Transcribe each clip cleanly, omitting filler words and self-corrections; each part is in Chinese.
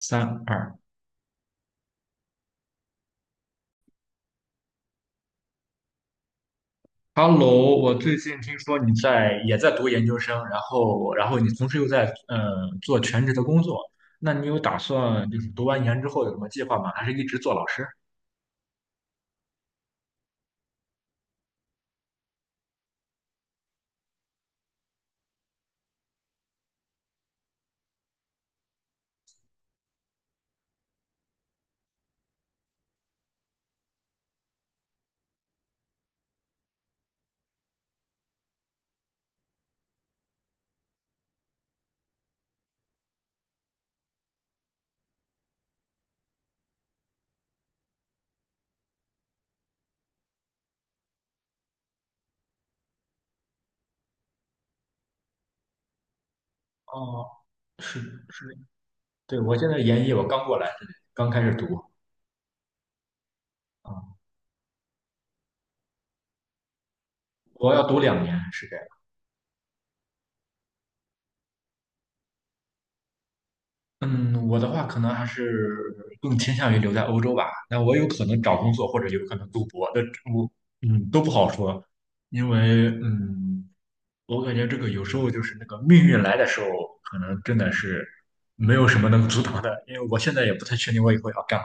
三二，Hello，我最近听说你在也在读研究生，然后你同时又在做全职的工作，那你有打算就是读完研之后有什么计划吗？还是一直做老师？哦，是，对，我现在研一，我刚过来，刚开始读啊，我要读两年，是这样。嗯，我的话可能还是更倾向于留在欧洲吧。那我有可能找工作，或者有可能读博的，我嗯都不好说，因为我感觉这个有时候就是那个命运来的时候，可能真的是没有什么能阻挡的。因为我现在也不太确定我以后要干嘛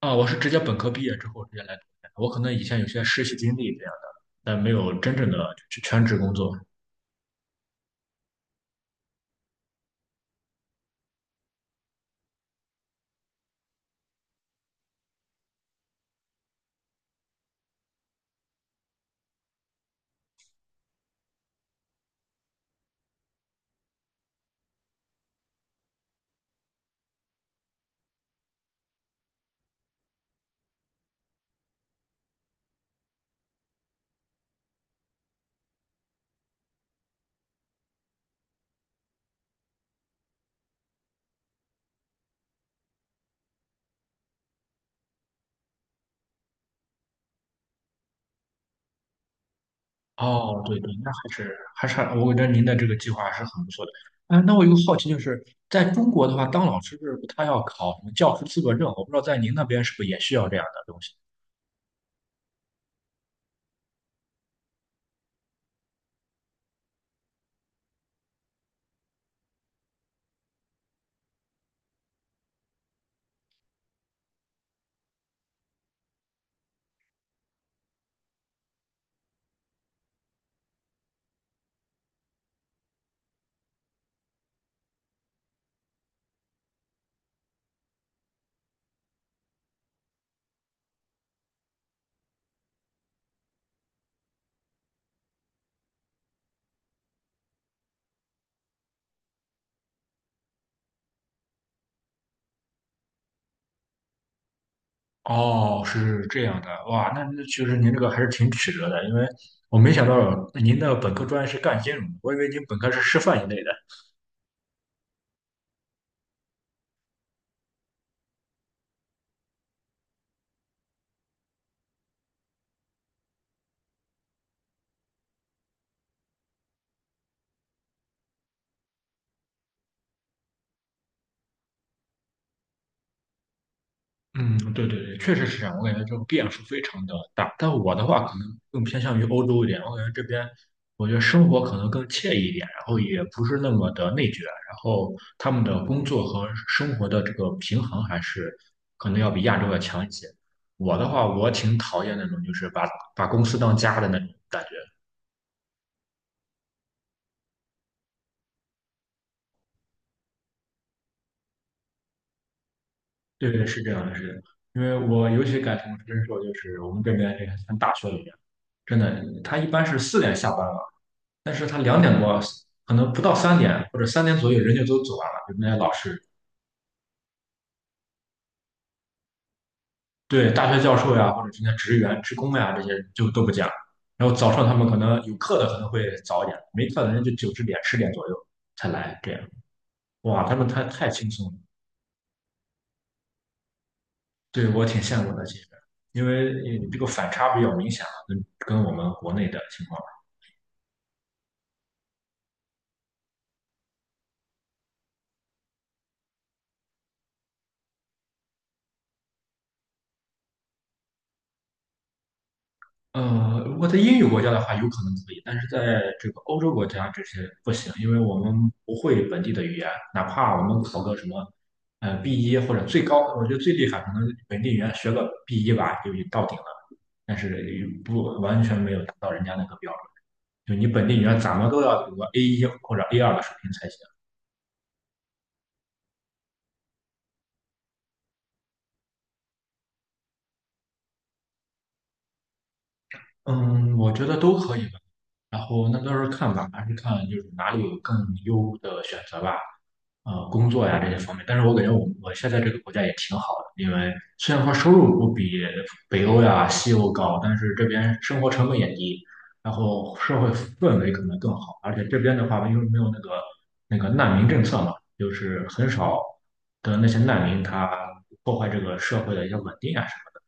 啊。我是直接本科毕业之后直接来读的，我可能以前有些实习经历这样的，但没有真正的去全职工作。哦，对对，那还是我觉得您的这个计划还是很不错的。哎，那我有个好奇，就是在中国的话，当老师是不他要考什么教师资格证？我不知道在您那边是不是也需要这样的东西？哦，是这样的，哇，那其实您这个还是挺曲折的，因为我没想到您的本科专业是干金融的，我以为您本科是师范一类的。嗯，对对对，确实是这样。我感觉这个变数非常的大，但我的话可能更偏向于欧洲一点。我感觉这边，我觉得生活可能更惬意一点，然后也不是那么的内卷，然后他们的工作和生活的这个平衡还是可能要比亚洲要强一些。我的话，我挺讨厌那种就是把公司当家的那种感觉。对对，是这样的，是的。因为我尤其感同身受，就是我们这边这个像大学里面，真的，他一般是四点下班，但是他两点多，可能不到三点或者三点左右，人就都走完了。比如那些老师，对大学教授呀，或者是那些职员、职工呀，这些人就都不见了。然后早上他们可能有课的可能会早一点，没课的人就九十点、十点左右才来。这样，哇，他们太轻松了，对我挺羡慕的。其实，因为这个反差比较明显了，跟我们国内的情况。呃，如果在英语国家的话，有可能可以，但是在这个欧洲国家这些不行，因为我们不会本地的语言，哪怕我们考个什么，B 一或者最高，我觉得最厉害可能本地语言学个 B 一吧，就已经到顶了，但是也不完全没有达到人家那个标准，就你本地语言怎么都要有个 A 一或者 A 二的水平才行。嗯，我觉得都可以吧，然后那到时候看吧，还是看就是哪里有更优的选择吧。呃工作呀这些方面。但是我感觉我现在这个国家也挺好的，因为虽然说收入不比北欧呀、西欧高，但是这边生活成本也低，然后社会氛围可能更好，而且这边的话，因为没有那个难民政策嘛，就是很少的那些难民他破坏这个社会的一些稳定啊什么的。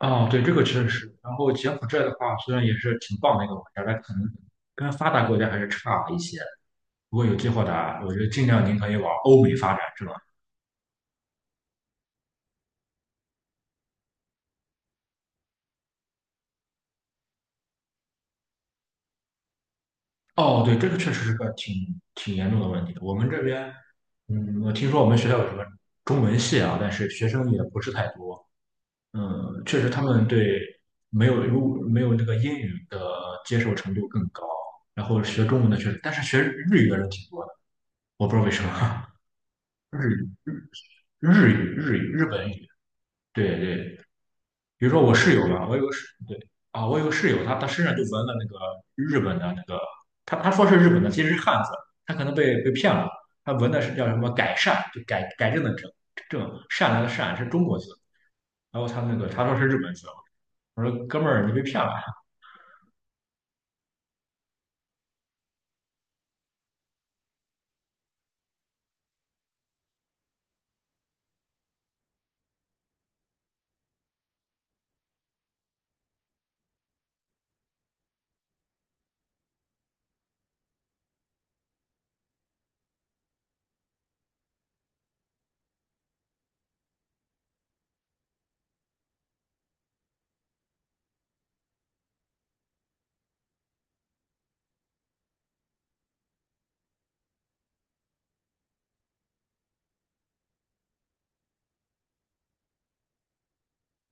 哦，对，这个确实是。然后柬埔寨的话，虽然也是挺棒的一个国家，但可能跟发达国家还是差一些。如果有计划的啊，我觉得尽量您可以往欧美发展，是吧？哦，对，这个确实是个挺严重的问题。我们这边，嗯，我听说我们学校有什么中文系啊，但是学生也不是太多。嗯，确实他们对没有那个英语的接受程度更高，然后学中文的确实，但是学日语的人挺多的，我不知道为什么。日语、日语、日语、日本语，对对，比如说我室友吧，我有个室对啊，我有个室友，他身上就纹了那个日本的那个，他说是日本的，其实是汉字，他可能被骗了，他纹的是叫什么改善，就改正的正正善良的善是中国字，然后他那个他说是日本字，我说哥们儿你被骗了，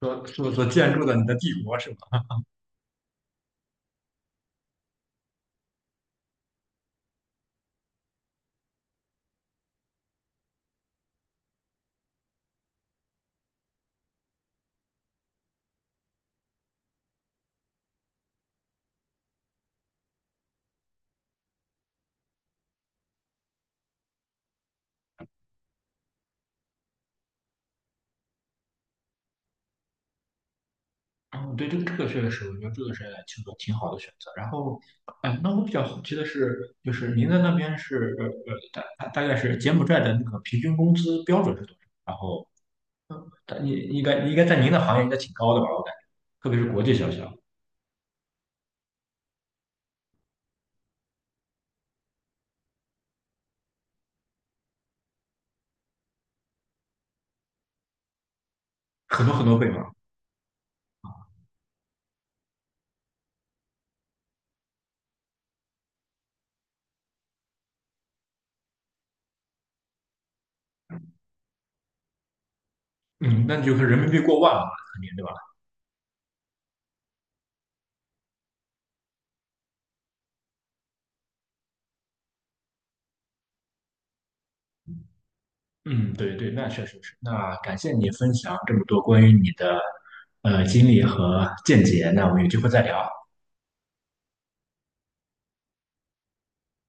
说所建筑的你的帝国是吧？嗯，对，这个确实是，我觉得这个是挺好的选择。然后，哎，那我比较好奇的是，就是您在那边是大概是柬埔寨的那个平均工资标准是多少？然后他应该在您的行业应该挺高的吧？我感觉，特别是国际学校，很多很多倍嘛。嗯，那就是人民币过万了嘛，肯定对吧？嗯，对对，那确实是。那感谢你分享这么多关于你的经历和见解，那我们有机会再聊。